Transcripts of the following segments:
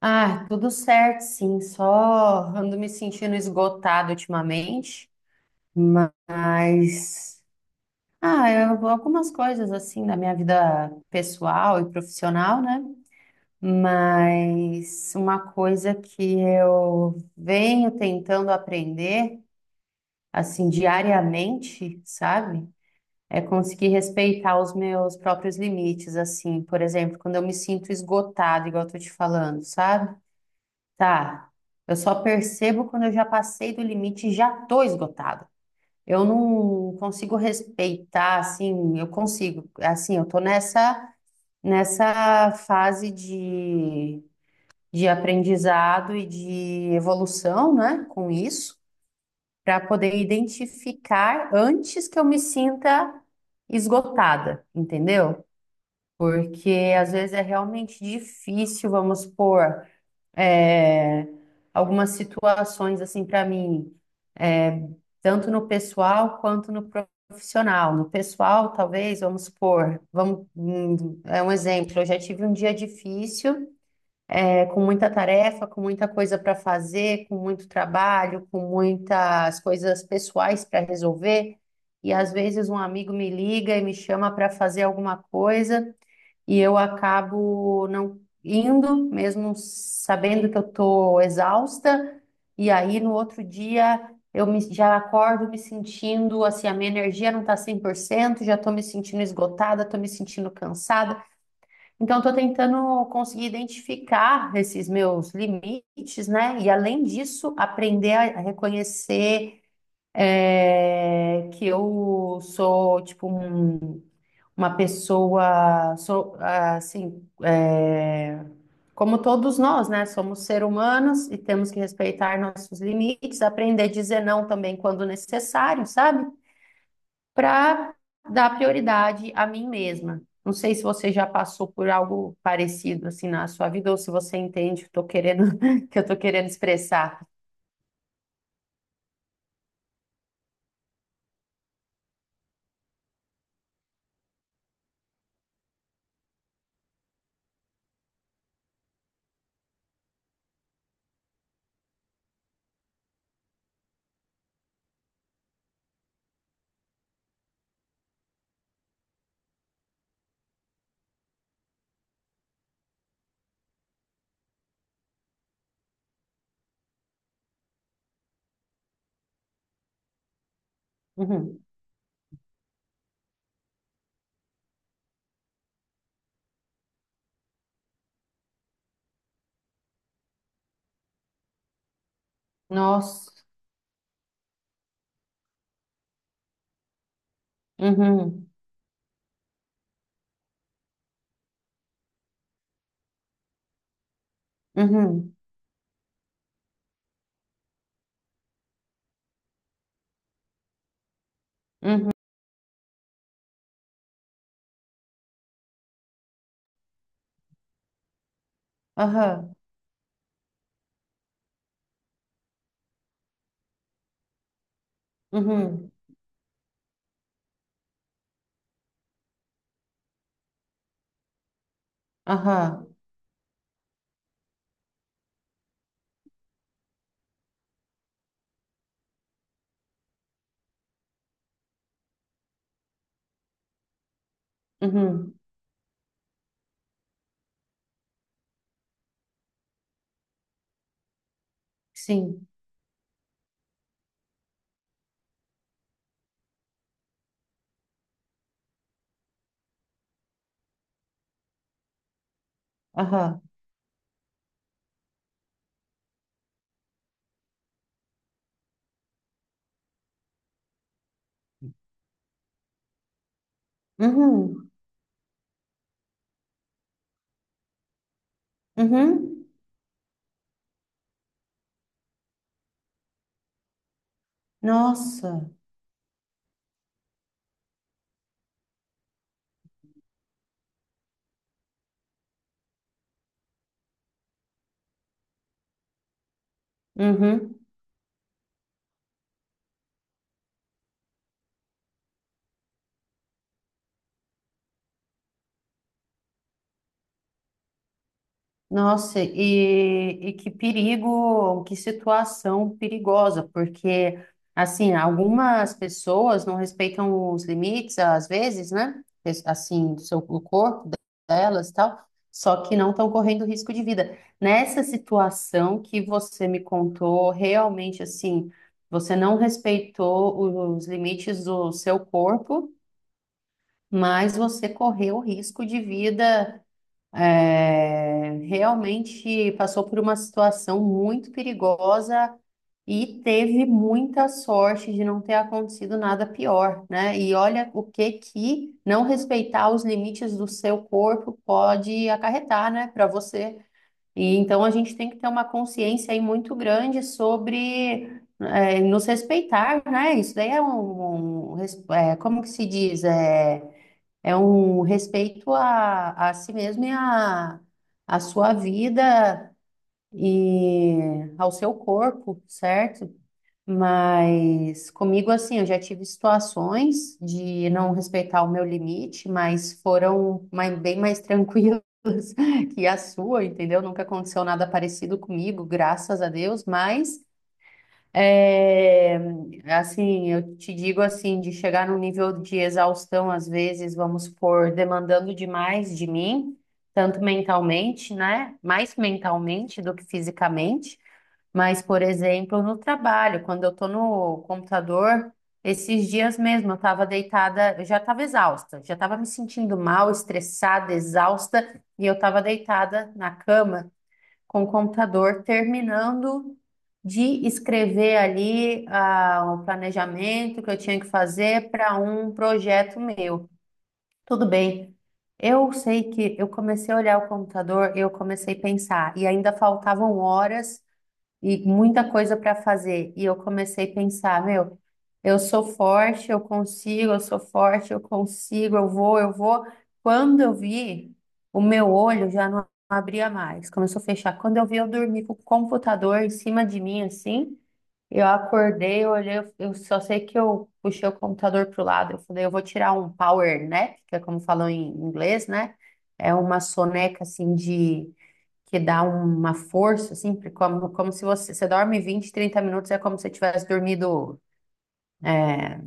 Ah, tudo certo, sim. Só ando me sentindo esgotado ultimamente, mas eu- algumas coisas assim da minha vida pessoal e profissional, né? Mas uma coisa que eu venho tentando aprender assim diariamente, sabe? É conseguir respeitar os meus próprios limites, assim, por exemplo, quando eu me sinto esgotado, igual eu tô te falando, sabe? Tá. Eu só percebo quando eu já passei do limite e já tô esgotada. Eu não consigo respeitar, assim, eu consigo, assim, eu tô nessa fase de aprendizado e de evolução, né, com isso, para poder identificar antes que eu me sinta esgotada, entendeu? Porque às vezes é realmente difícil, vamos supor, é, algumas situações assim para mim, tanto no pessoal quanto no profissional. No pessoal, talvez, vamos supor, vamos, é um exemplo, eu já tive um dia difícil, é, com muita tarefa, com muita coisa para fazer, com muito trabalho, com muitas coisas pessoais para resolver. E às vezes um amigo me liga e me chama para fazer alguma coisa e eu acabo não indo, mesmo sabendo que eu tô exausta, e aí no outro dia eu me, já acordo me sentindo assim, a minha energia não tá 100%, já tô me sentindo esgotada, tô me sentindo cansada. Então tô tentando conseguir identificar esses meus limites, né? E além disso, aprender a reconhecer é, que eu sou tipo uma pessoa, so- assim, é, como todos nós, né? Somos seres humanos e temos que respeitar nossos limites, aprender a dizer não também quando necessário, sabe? Para dar prioridade a mim mesma. Não sei se você já passou por algo parecido assim na sua vida ou se você entende o que eu tô querendo, que eu tô querendo expressar. Uhum. Nossa. Uhum. Uhum. Uhum. Aham. Uhum. Aham. Uhum. Sim. Aham. Uhum. Uhum. Nossa. Uhum. Nossa, e que perigo, que situação perigosa, porque, assim, algumas pessoas não respeitam os limites, às vezes, né? Es- Assim, do seu, do corpo delas e tal, só que não estão correndo risco de vida. Nessa situação que você me contou, realmente, assim, você não respeitou os limites do seu corpo, mas você correu risco de vida, é, realmente passou por uma situação muito perigosa e teve muita sorte de não ter acontecido nada pior, né? E olha o que que não respeitar os limites do seu corpo pode acarretar, né, para você. E então a gente tem que ter uma consciência aí muito grande sobre é, nos respeitar, né? Isso daí é um, um res- é, como que se diz? É, é um respeito a si mesmo e a sua vida e ao seu corpo, certo? Mas comigo, assim, eu já tive situações de não respeitar o meu limite, mas foram mai- bem mais tranquilas que a sua, entendeu? Nunca aconteceu nada parecido comigo, graças a Deus, mas. É, assim, eu te digo assim, de chegar num nível de exaustão, às vezes, vamos supor, demandando demais de mim, tanto mentalmente, né? Mais mentalmente do que fisicamente. Mas, por exemplo, no trabalho, quando eu estou no computador, esses dias mesmo eu estava deitada, eu já estava exausta, já estava me sentindo mal, estressada, exausta, e eu estava deitada na cama com o computador, terminando de escrever ali o planejamento que eu tinha que fazer para um projeto meu. Tudo bem. Eu sei que eu comecei a olhar o computador, eu comecei a pensar, e ainda faltavam horas e muita coisa para fazer. E eu comecei a pensar, meu, eu sou forte, eu consigo, eu sou forte, eu consigo, eu vou, eu vou. Quando eu vi, o meu olho já não abria mais, começou a fechar. Quando eu vi, eu dormi com o computador em cima de mim, assim. Eu acordei, eu olhei, eu só sei que eu puxei o computador pro lado. Eu falei, eu vou tirar um power nap, que é como falam em inglês, né? É uma soneca assim de que dá uma força, assim, porque como, como se você, você dorme 20, 30 minutos, é como se você tivesse dormido é,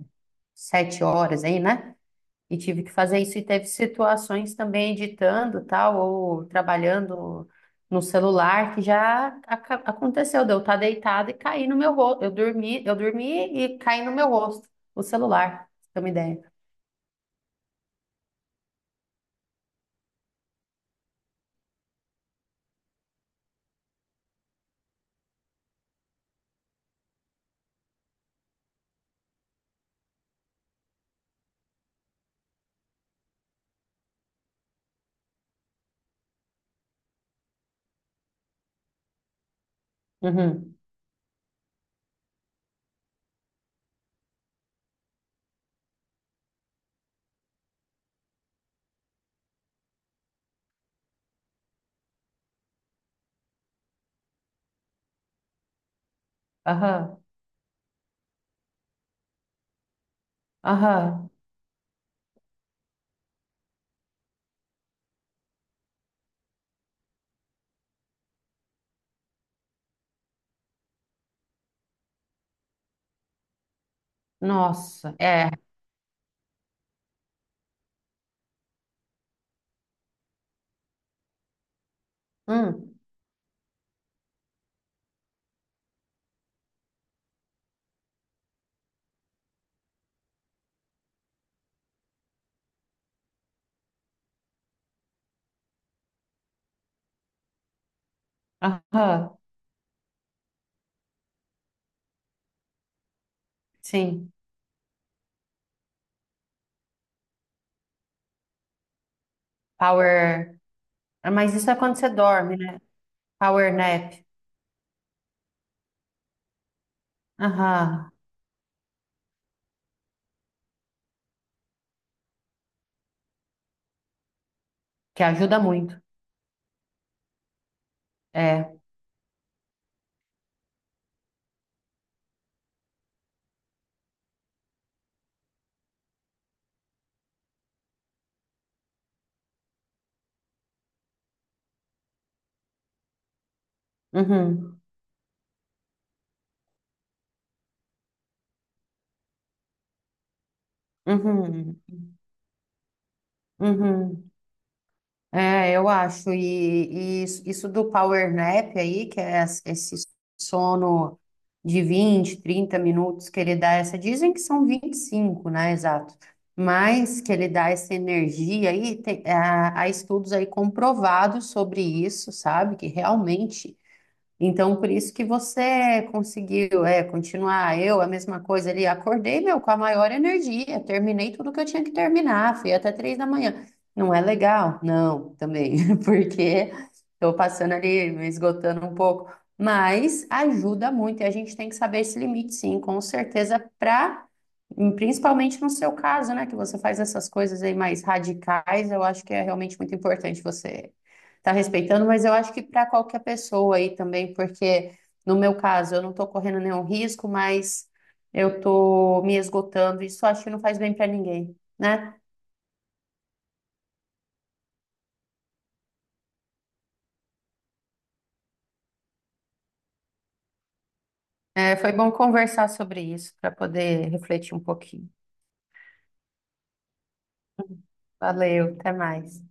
7 horas aí, né? E tive que fazer isso e teve situações também editando, tal, ou trabalhando no celular, que já aca- aconteceu, de eu estar deitada e cair no meu rosto. Eu dormi e caí no meu rosto, o celular, pra você ter uma ideia. Uhum. Aham, aham. Nossa, é. Hum. Aham, sim. Power Ah, mas isso é quando você dorme, né? Power nap. Aham. Que ajuda muito. É. Uhum. Uhum. Uhum. É, eu acho. E isso do power nap aí, que é es- esse sono de 20, 30 minutos que ele dá essa. Dizem que são 25, né? Exato. Mas que ele dá essa energia aí, tem, ah, há estudos aí comprovados sobre isso, sabe? Que realmente. Então, por isso que você conseguiu, é, continuar. Eu, a mesma coisa ali, acordei, meu, com a maior energia, terminei tudo que eu tinha que terminar, fui até 3 da manhã. Não é legal? Não, também, porque estou passando ali, me esgotando um pouco. Mas ajuda muito e a gente tem que saber esse limite, sim, com certeza, para, principalmente no seu caso, né, que você faz essas coisas aí mais radicais, eu acho que é realmente muito importante você tá respeitando, mas eu acho que para qualquer pessoa aí também, porque no meu caso eu não tô correndo nenhum risco, mas eu tô me esgotando. Isso eu acho que não faz bem para ninguém, né? É, foi bom conversar sobre isso para poder refletir um pouquinho. Valeu, até mais.